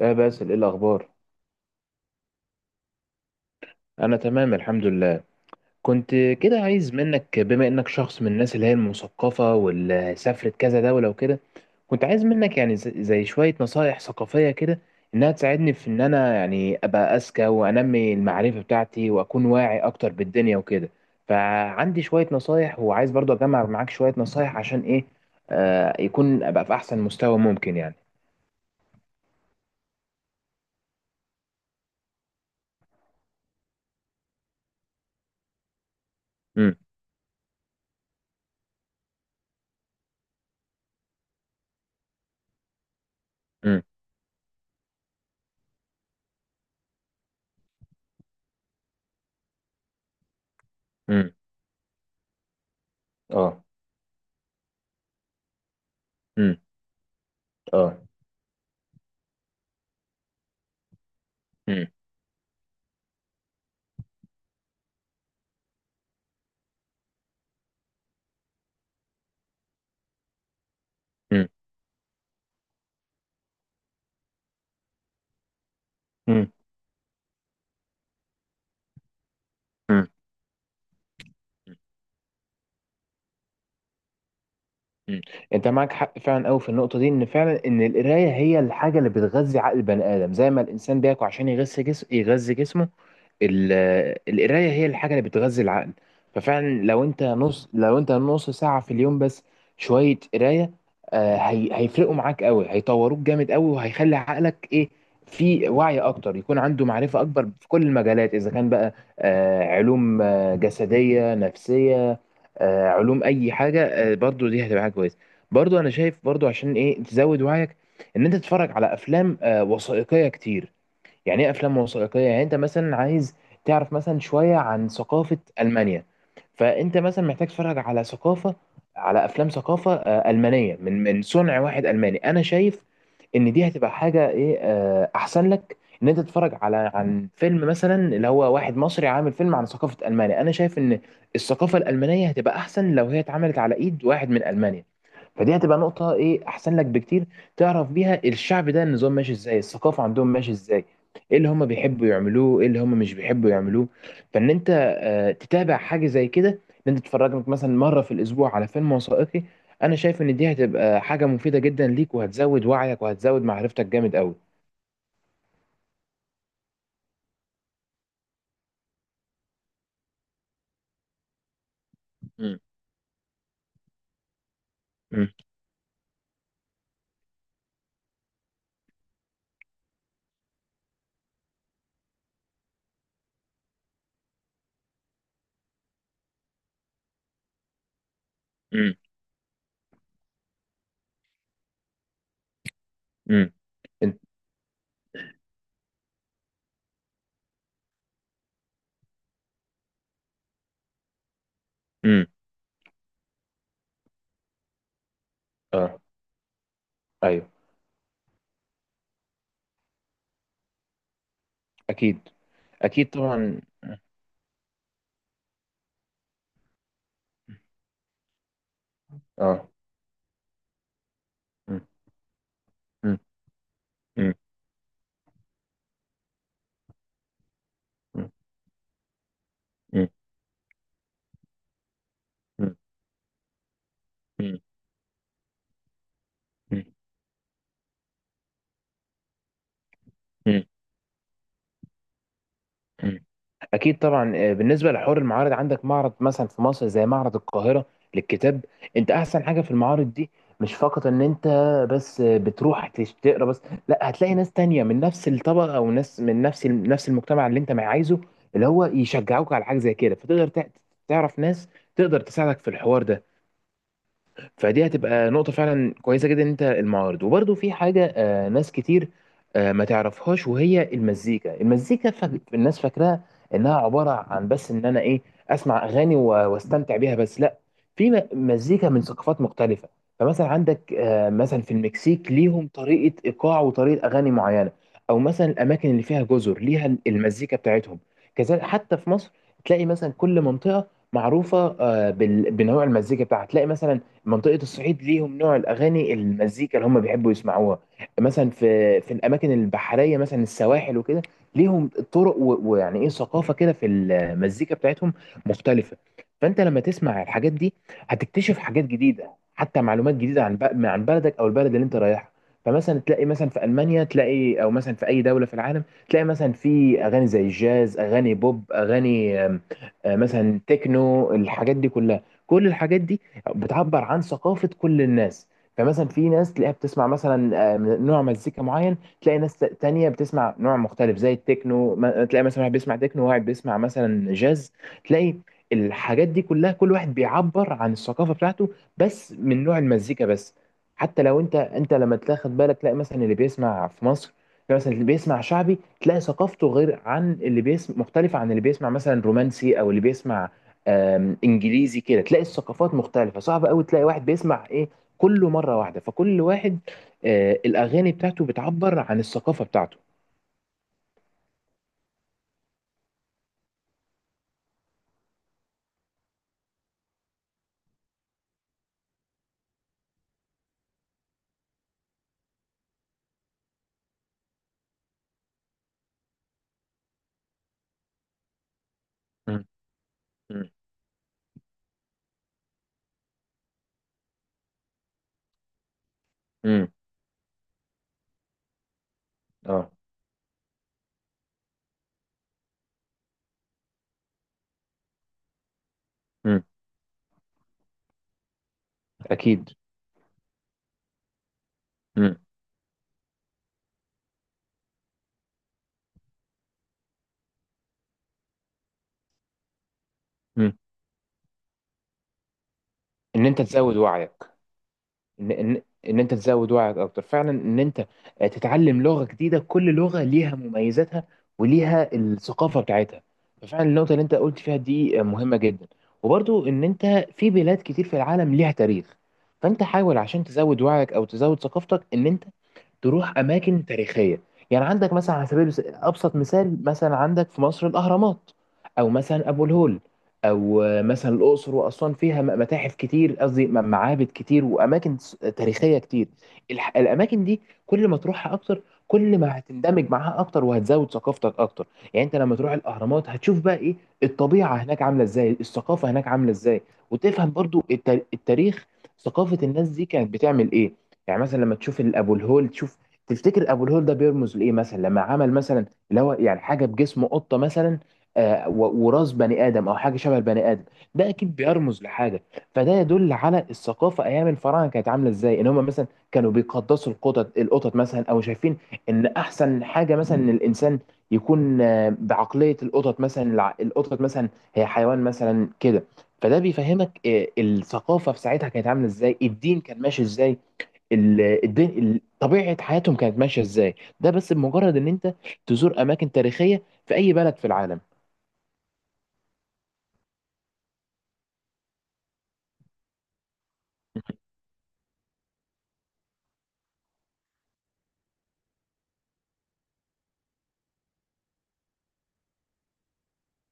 يا باسل، ايه الاخبار؟ انا تمام، الحمد لله. كنت كده عايز منك، بما انك شخص من الناس اللي هي المثقفه واللي سافرت كذا دوله وكده، كنت عايز منك يعني زي شويه نصايح ثقافيه كده، انها تساعدني في ان انا يعني ابقى اذكى وانمي المعرفه بتاعتي واكون واعي اكتر بالدنيا وكده. فعندي شويه نصايح، وعايز برضه اجمع معاك شويه نصايح عشان ايه يكون ابقى في احسن مستوى ممكن يعني. امم. امم. امم. اه. امم. اه. امم. امم. امم. مم. انت معاك حق فعلا قوي في النقطه دي، ان فعلا ان القرايه هي الحاجه اللي بتغذي عقل البني ادم، زي ما الانسان بياكل عشان يغذي جسمه. ال- القرايه هي الحاجه اللي بتغذي العقل. ففعلا لو انت نص ساعه في اليوم بس شويه قرايه، هي هيفرقوا معاك قوي، هيطوروك جامد قوي، وهيخلي عقلك ايه، في وعي اكتر، يكون عنده معرفه اكبر في كل المجالات. اذا كان بقى علوم جسديه نفسيه، علوم اي حاجه، برضو دي هتبقى حاجه كويسه. برضو انا شايف، برضو عشان ايه تزود وعيك، ان انت تتفرج على افلام وثائقيه كتير. يعني ايه افلام وثائقيه؟ يعني انت مثلا عايز تعرف مثلا شويه عن ثقافه المانيا، فانت مثلا محتاج تتفرج على ثقافه على افلام ثقافه المانيه، من صنع واحد الماني. انا شايف ان دي هتبقى حاجه ايه، احسن لك، ان انت تتفرج عن فيلم مثلا اللي هو واحد مصري عامل فيلم عن ثقافه المانيا. انا شايف ان الثقافه الالمانيه هتبقى احسن لو هي اتعملت على ايد واحد من المانيا. فدي هتبقى نقطه ايه، احسن لك بكتير، تعرف بيها الشعب ده، النظام ماشي ازاي، الثقافه عندهم ماشي ازاي، ايه اللي هم بيحبوا يعملوه، ايه اللي هم مش بيحبوا يعملوه. فان انت تتابع حاجه زي كده، ان انت تتفرج مثلا مره في الاسبوع على فيلم وثائقي، انا شايف ان دي هتبقى حاجه مفيده جدا ليك، وهتزود وعيك، وهتزود معرفتك جامد قوي. امم. امم. امم. امم. انت- امم. اه. ايوه. اكيد. اكيد طبعا. اه. امم. امم. امم. امم. امم. امم. مم. اكيد طبعا. بالنسبه لحوار المعارض، عندك معرض مثلا في مصر زي معرض القاهره للكتاب. انت احسن حاجه في المعارض دي، مش فقط ان انت بس بتروح تقرا بس، لا، هتلاقي ناس تانية من نفس الطبقه، او ناس من نفس نفس المجتمع اللي انت ما عايزه، اللي هو يشجعوك على حاجه زي كده، فتقدر تعرف ناس تقدر تساعدك في الحوار ده. فدي هتبقى نقطة فعلا كويسة جدا، ان انت المعارض. وبرده في حاجة ناس كتير ما تعرفهاش، وهي المزيكا. المزيكا الناس فاكراها انها عبارة عن بس ان انا ايه، اسمع اغاني واستمتع بيها بس، لا، في مزيكا من ثقافات مختلفة. فمثلا عندك مثلا في المكسيك ليهم طريقة ايقاع وطريقة اغاني معينة، او مثلا الاماكن اللي فيها جزر ليها المزيكا بتاعتهم. كذلك حتى في مصر تلاقي مثلا كل منطقة معروفة بنوع المزيكا بتاعها. تلاقي مثلا منطقة الصعيد ليهم نوع الأغاني، المزيكا اللي هم بيحبوا يسمعوها. مثلا في الأماكن البحرية مثلا، السواحل وكده، ليهم طرق ويعني إيه ثقافة كده في المزيكا بتاعتهم مختلفة. فأنت لما تسمع الحاجات دي، هتكتشف حاجات جديدة، حتى معلومات جديدة عن عن بلدك أو البلد اللي أنت رايحها. فمثلا تلاقي مثلا في ألمانيا تلاقي، أو مثلا في أي دولة في العالم، تلاقي مثلا في أغاني زي الجاز، أغاني بوب، أغاني مثلا تكنو، الحاجات دي كلها، كل الحاجات دي بتعبر عن ثقافة كل الناس. فمثلا في ناس تلاقيها بتسمع مثلا من نوع مزيكا معين، تلاقي ناس تانية بتسمع نوع مختلف زي التكنو، تلاقي مثلا واحد بيسمع تكنو وواحد بيسمع مثلا جاز. تلاقي الحاجات دي كلها، كل واحد بيعبر عن الثقافة بتاعته بس من نوع المزيكا بس. حتى لو انت لما تاخد بالك، تلاقي مثلا اللي بيسمع في مصر، تلاقي مثلا اللي بيسمع شعبي، تلاقي ثقافته غير عن اللي بيسمع، مختلفة عن اللي بيسمع مثلا رومانسي، او اللي بيسمع انجليزي كده، تلاقي الثقافات مختلفه. صعب قوي تلاقي واحد بيسمع ايه كله مره واحده، فكل واحد الاغاني بتاعته بتعبر عن الثقافه بتاعته. مم. مم. مم. اه. مم. اكيد. مم. مم. ان انت تزود وعيك. ان ان ان انت تزود وعيك اكتر فعلا، ان انت تتعلم لغه جديده، كل لغه ليها مميزاتها وليها الثقافه بتاعتها. ففعلا النقطه اللي انت قلت فيها دي مهمه جدا. وبرضو ان انت، في بلاد كتير في العالم ليها تاريخ، فانت حاول عشان تزود وعيك او تزود ثقافتك، ان انت تروح اماكن تاريخيه. يعني عندك مثلا ابسط مثال، مثلا عندك في مصر الاهرامات، او مثلا ابو الهول، او مثلا الاقصر واسوان فيها متاحف كتير، قصدي معابد كتير، واماكن تاريخيه كتير. الاماكن دي، كل ما تروحها اكتر، كل ما هتندمج معاها اكتر وهتزود ثقافتك اكتر. يعني انت لما تروح الاهرامات هتشوف بقى ايه، الطبيعه هناك عامله ازاي، الثقافه هناك عامله ازاي، وتفهم برضو التاريخ، ثقافه الناس دي كانت بتعمل ايه. يعني مثلا لما تشوف ابو الهول، تفتكر ابو الهول ده بيرمز لايه. مثلا لما عمل مثلا اللي هو يعني حاجه بجسم قطه مثلا، وراس بني ادم او حاجه شبه البني ادم، ده اكيد بيرمز لحاجه. فده يدل على الثقافه ايام الفراعنه كانت عامله ازاي. ان هم مثلا كانوا بيقدسوا القطط، القطط مثلا، او شايفين ان احسن حاجه مثلا ان الانسان يكون بعقليه القطط مثلا. القطط مثلا هي حيوان مثلا كده. فده بيفهمك الثقافه في ساعتها كانت عامله ازاي، الدين كان ماشي ازاي، طبيعة حياتهم كانت ماشية ازاي. ده بس بمجرد ان انت تزور اماكن تاريخية في اي بلد في العالم.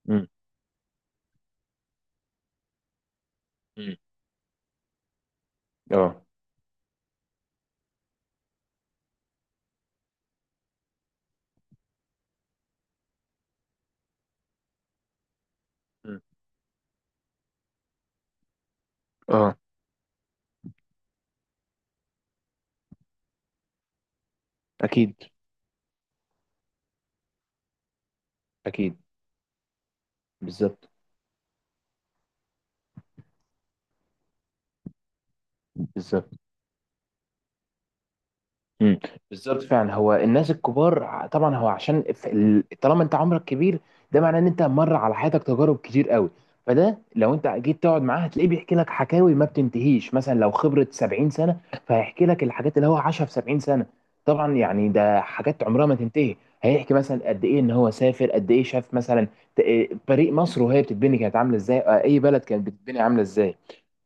مم. مم. اه. مم. اه. اكيد. اكيد بالظبط. بالظبط. امم. بالظبط فعلا. هو الناس الكبار طبعا، هو طالما انت عمرك كبير، ده معناه ان انت مر على حياتك تجارب كتير قوي. فده لو انت جيت تقعد معاه، هتلاقيه بيحكي لك حكاوي ما بتنتهيش. مثلا لو خبرة 70 سنة، فهيحكي لك الحاجات اللي هو عاشها في 70 سنة. طبعا يعني ده حاجات عمرها ما تنتهي. هيحكي مثلا قد ايه ان هو سافر، قد ايه شاف مثلا، ت- إيه، فريق مصر وهي بتتبني كانت عاملة ازاي، اي بلد كانت بتتبني عاملة ازاي.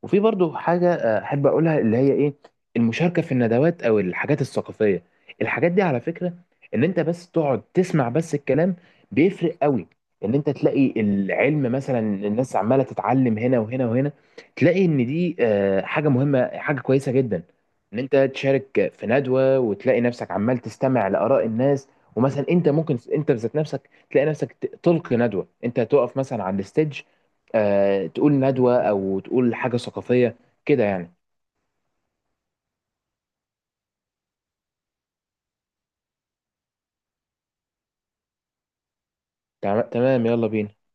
وفي برضو حاجة أحب أقولها، اللي هي إيه، المشاركة في الندوات أو الحاجات الثقافية. الحاجات دي على فكرة، إن أنت بس تقعد تسمع بس الكلام، بيفرق قوي. إن أنت تلاقي العلم مثلا، الناس عمالة تتعلم هنا وهنا وهنا، تلاقي إن دي حاجة مهمة، حاجة كويسة جدا. إن أنت تشارك في ندوة وتلاقي نفسك عمال تستمع لآراء الناس، ومثلا أنت ممكن أنت بذات نفسك تلاقي نفسك تلقي ندوة، أنت تقف مثلا على الستيج، تقول ندوة أو تقول حاجة ثقافية كده يعني. تمام، يلا بينا.